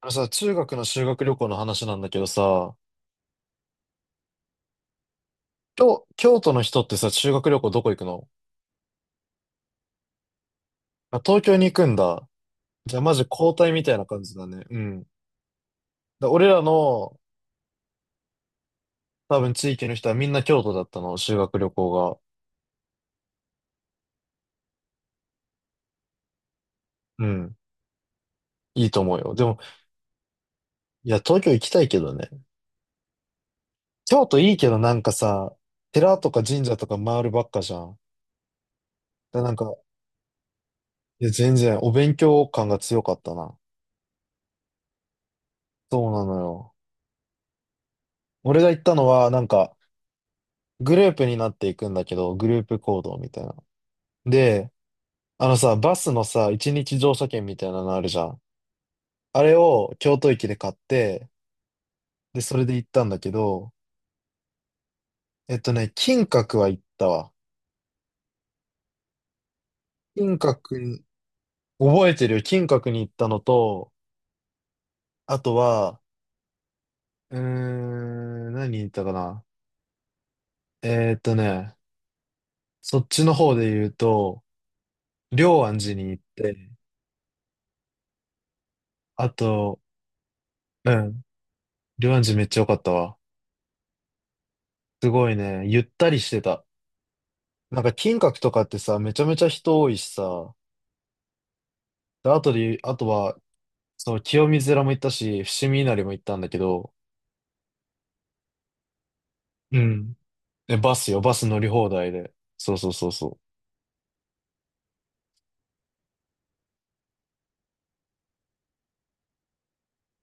あのさ、中学の修学旅行の話なんだけどさ、京都の人ってさ、修学旅行どこ行くの？あ、東京に行くんだ。じゃあマジ交代みたいな感じだね。うん。だ俺らの多分地域の人はみんな京都だったの、修学旅行が。うん。いいと思うよ。でも、いや、東京行きたいけどね。京都いいけどなんかさ、寺とか神社とか回るばっかじゃん。だなんか、いや、全然お勉強感が強かったな。そうなのよ。俺が行ったのは、なんか、グループになっていくんだけど、グループ行動みたいな。で、あのさ、バスのさ、一日乗車券みたいなのあるじゃん。あれを京都駅で買って、で、それで行ったんだけど、金閣は行ったわ。金閣に、覚えてるよ。金閣に行ったのと、あとは、何に行ったかな。えーっとね、そっちの方で言うと、龍安寺に行って、あと、うん、龍安寺めっちゃ良かったわ。すごいね、ゆったりしてた。なんか金閣とかってさ、めちゃめちゃ人多いしさ、で、あとは、その清水寺も行ったし、伏見稲荷も行ったんだけど、うん。え、バスよ、バス乗り放題で。そうそうそうそ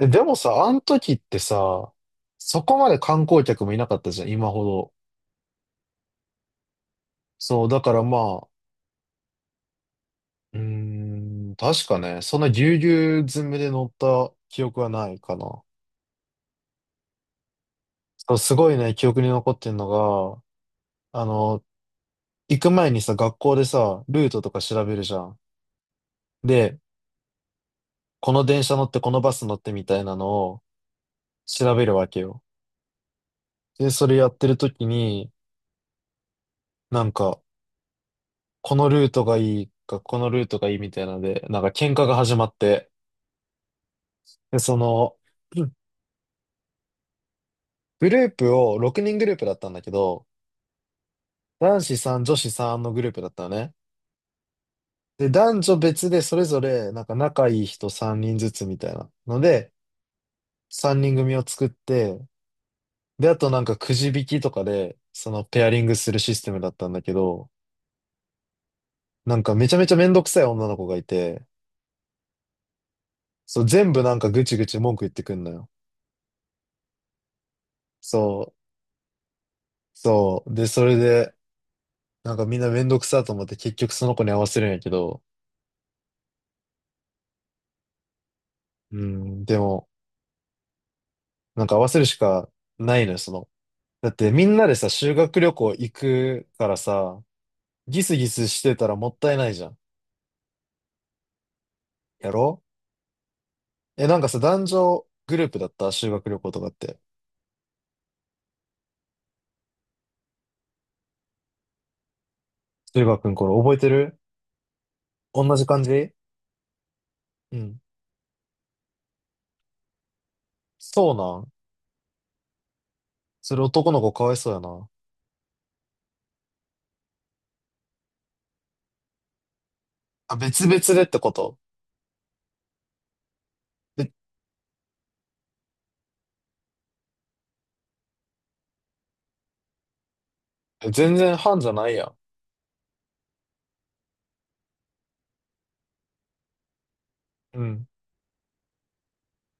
う。え、でもさ、あの時ってさ、そこまで観光客もいなかったじゃん、今ほど。そう、だからまあ、うー確かね、そんなぎゅうぎゅう詰めで乗った記憶はないかな。そう、すごいね、記憶に残ってんのが、あの、行く前にさ、学校でさ、ルートとか調べるじゃん。で、この電車乗ってこのバス乗ってみたいなのを調べるわけよ。で、それやってる時に、なんか、このルートがいいか、このルートがいいみたいなので、なんか喧嘩が始まって、で、その、うんグループを6人グループだったんだけど、男子さん女子さんのグループだったのね。で、男女別でそれぞれ、なんか仲いい人3人ずつみたいなので、3人組を作って、で、あとなんかくじ引きとかで、そのペアリングするシステムだったんだけど、なんかめちゃめちゃめんどくさい女の子がいて、そう、全部なんかぐちぐち文句言ってくんのよ。そう、そう。で、それで、なんかみんなめんどくさと思って結局その子に合わせるんやけど、うん、でも、なんか合わせるしかないのよ、その。だってみんなでさ、修学旅行行くからさ、ギスギスしてたらもったいないじゃん。やろえ、なんかさ、男女グループだった修学旅行とかって。修学くん、これ覚えてる？同じ感じ？うん。そうなん？それ男の子かわいそうやな。あ、別々でってこと？え、全然班じゃないやん。うん。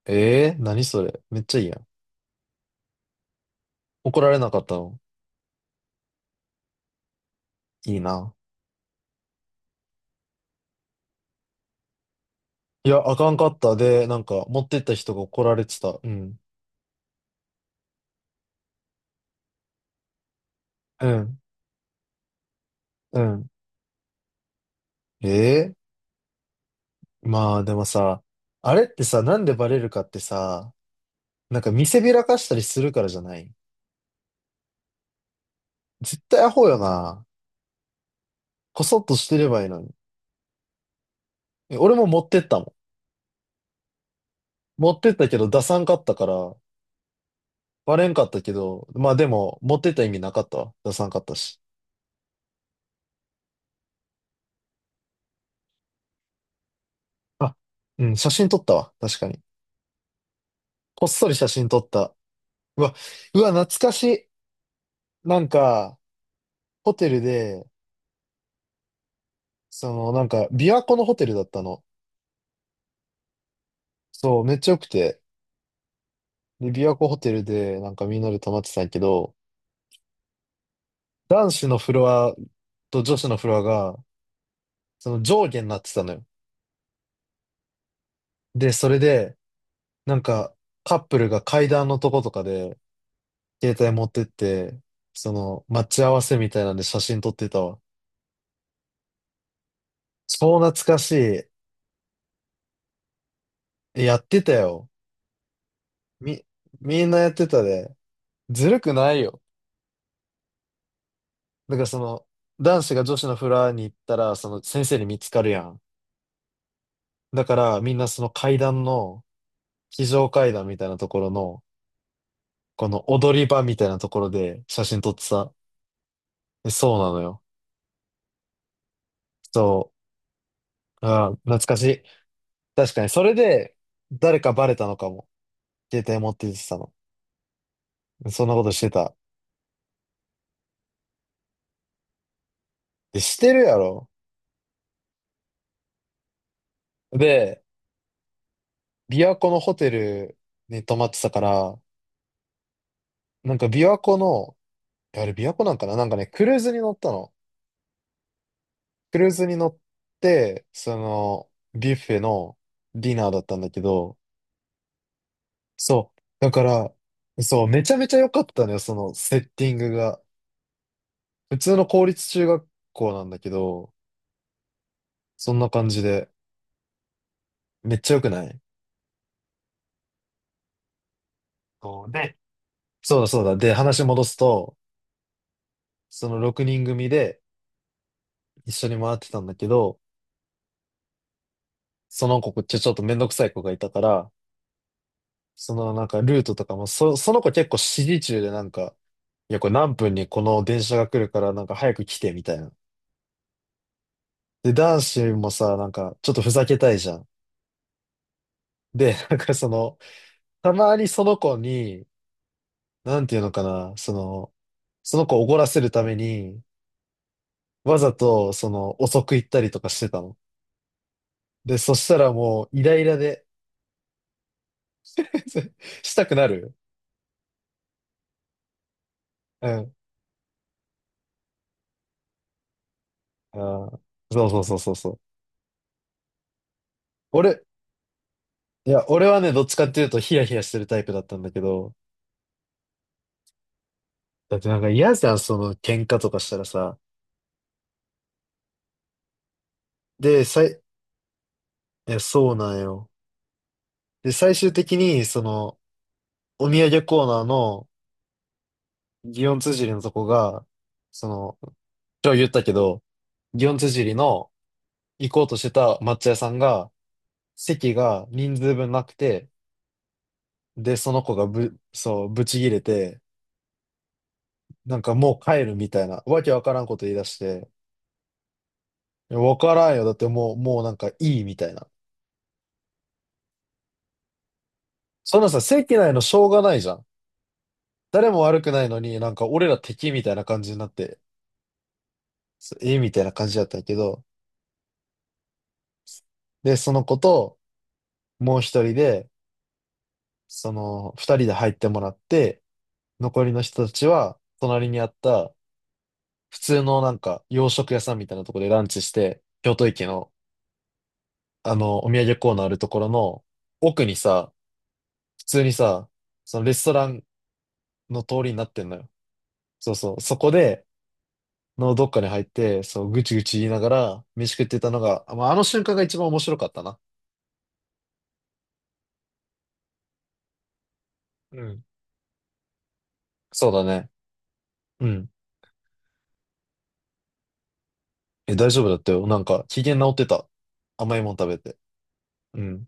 ええー、何それ。めっちゃいいやん。怒られなかったの？いいな。いや、あかんかった。で、なんか、持ってった人が怒られてた。うん。うん。うん。ええー、まあ、でもさ、あれってさ、なんでバレるかってさ、なんか見せびらかしたりするからじゃない？絶対アホよな。こそっとしてればいいのに。え俺も持ってったもん。持ってったけど出さんかったから、バレんかったけど、まあでも、持ってった意味なかったわ。出さんかったし。あ、うん、写真撮ったわ。確かに。こっそり写真撮った。うわ、うわ、懐かしい。なんか、ホテルで、その、なんか、琵琶湖のホテルだったの。そう、めっちゃ良くて。で、琵琶湖ホテルで、なんかみんなで泊まってたんやけど、男子のフロアと女子のフロアが、その上下になってたのよ。で、それで、なんか、カップルが階段のとことかで、携帯持ってって、その、待ち合わせみたいなんで写真撮ってたわ。超懐かしい。えやってたよ。み、みんなやってたで。ずるくないよ。だからその、男子が女子のフラに行ったら、その先生に見つかるやん。だからみんなその階段の、非常階段みたいなところの、この踊り場みたいなところで写真撮ってさ。えそうなのよ。そう。ああ、懐かしい。確かに、それで、誰かバレたのかも。携帯持って行ってたの。そんなことしてた。で、してるやろ。で、琵琶湖のホテルに泊まってたから、なんか琵琶湖のあれ、琵琶湖なんかななんかね、クルーズに乗ったの。クルーズに乗って、その、ビュッフェのディナーだったんだけど、そう。だから、そう、めちゃめちゃ良かったのよ、そのセッティングが。普通の公立中学校なんだけど、そんな感じで、めっちゃ良くない？そうで、そうだそうだ。で、話戻すと、その6人組で一緒に回ってたんだけど、その子、こっちちょっとめんどくさい子がいたから、そのなんかルートとかも、その子結構指示中でなんか、いや、これ何分にこの電車が来るからなんか早く来てみたいな。で、男子もさ、なんかちょっとふざけたいじゃん。で、なんかその、たまにその子に、なんていうのかな、その、その子を怒らせるために、わざとその遅く行ったりとかしてたの。で、そしたらもうイライラで したくなる。うん。あーそうそうそうそうそう。俺、いや、俺はね、どっちかっていうとヒヤヒヤしてるタイプだったんだけど、だってなんか嫌じゃん、その喧嘩とかしたらさ。で、さい、いや、そうなんよ。で、最終的に、その、お土産コーナーの、祇園綴りのとこが、その、今日言ったけど、祇園綴りの行こうとしてた抹茶屋さんが、席が人数分なくて、で、その子がそう、ぶち切れて、なんかもう帰るみたいな、わけわからんこと言い出して、いやわからんよ。だってもう、もうなんかいいみたいな。そんなさ、席内のしょうがないじゃん。誰も悪くないのに、なんか俺ら敵みたいな感じになって、そうえみたいな感じだったんやけど、で、その子と、もう一人で、その、二人で入ってもらって、残りの人たちは、隣にあった、普通のなんか、洋食屋さんみたいなところでランチして、京都駅の、あの、お土産コーナーあるところの、奥にさ、普通にさ、そのレストランの通りになってんのよ。そうそう。そこで、のどっかに入って、そう、ぐちぐち言いながら飯食ってたのが、まあ、あの瞬間が一番面白かったな。うん。そうだね。うん。え、大丈夫だったよ。なんか、機嫌治ってた。甘いもん食べて。うん。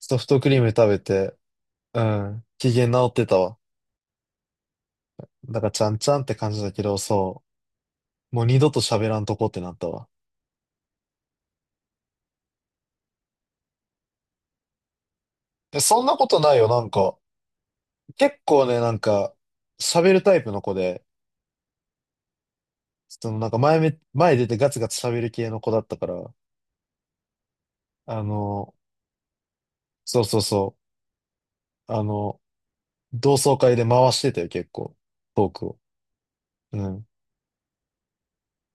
ソフトクリーム食べて、うん。機嫌治ってたわ。だから、ちゃんちゃんって感じだけど、そう。もう二度と喋らんとこってなったわ。え、そんなことないよ。なんか、結構ね、なんか、喋るタイプの子で、そのなんか前出てガツガツ喋る系の子だったから、あの、そうそうそう。あの、同窓会で回してたよ、結構。トークを。うん。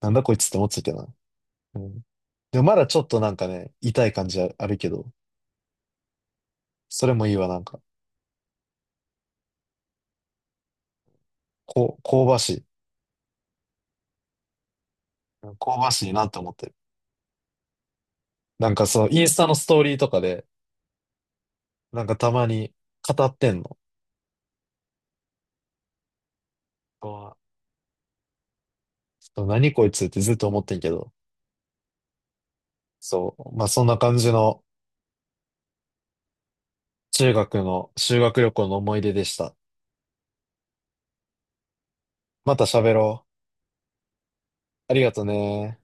なんだこいつって思ってたけどな。うん。でもまだちょっとなんかね、痛い感じあるけど、それもいいわ、なんか。こう、香ばしい。うん香ばしいなって思ってる。なんかそのインスタのストーリーとかで、なんかたまに語ってんの。あー何こいつってずっと思ってんけど。そう。まあそんな感じの中学の修学旅行の思い出でした。また喋ろう。ありがとね。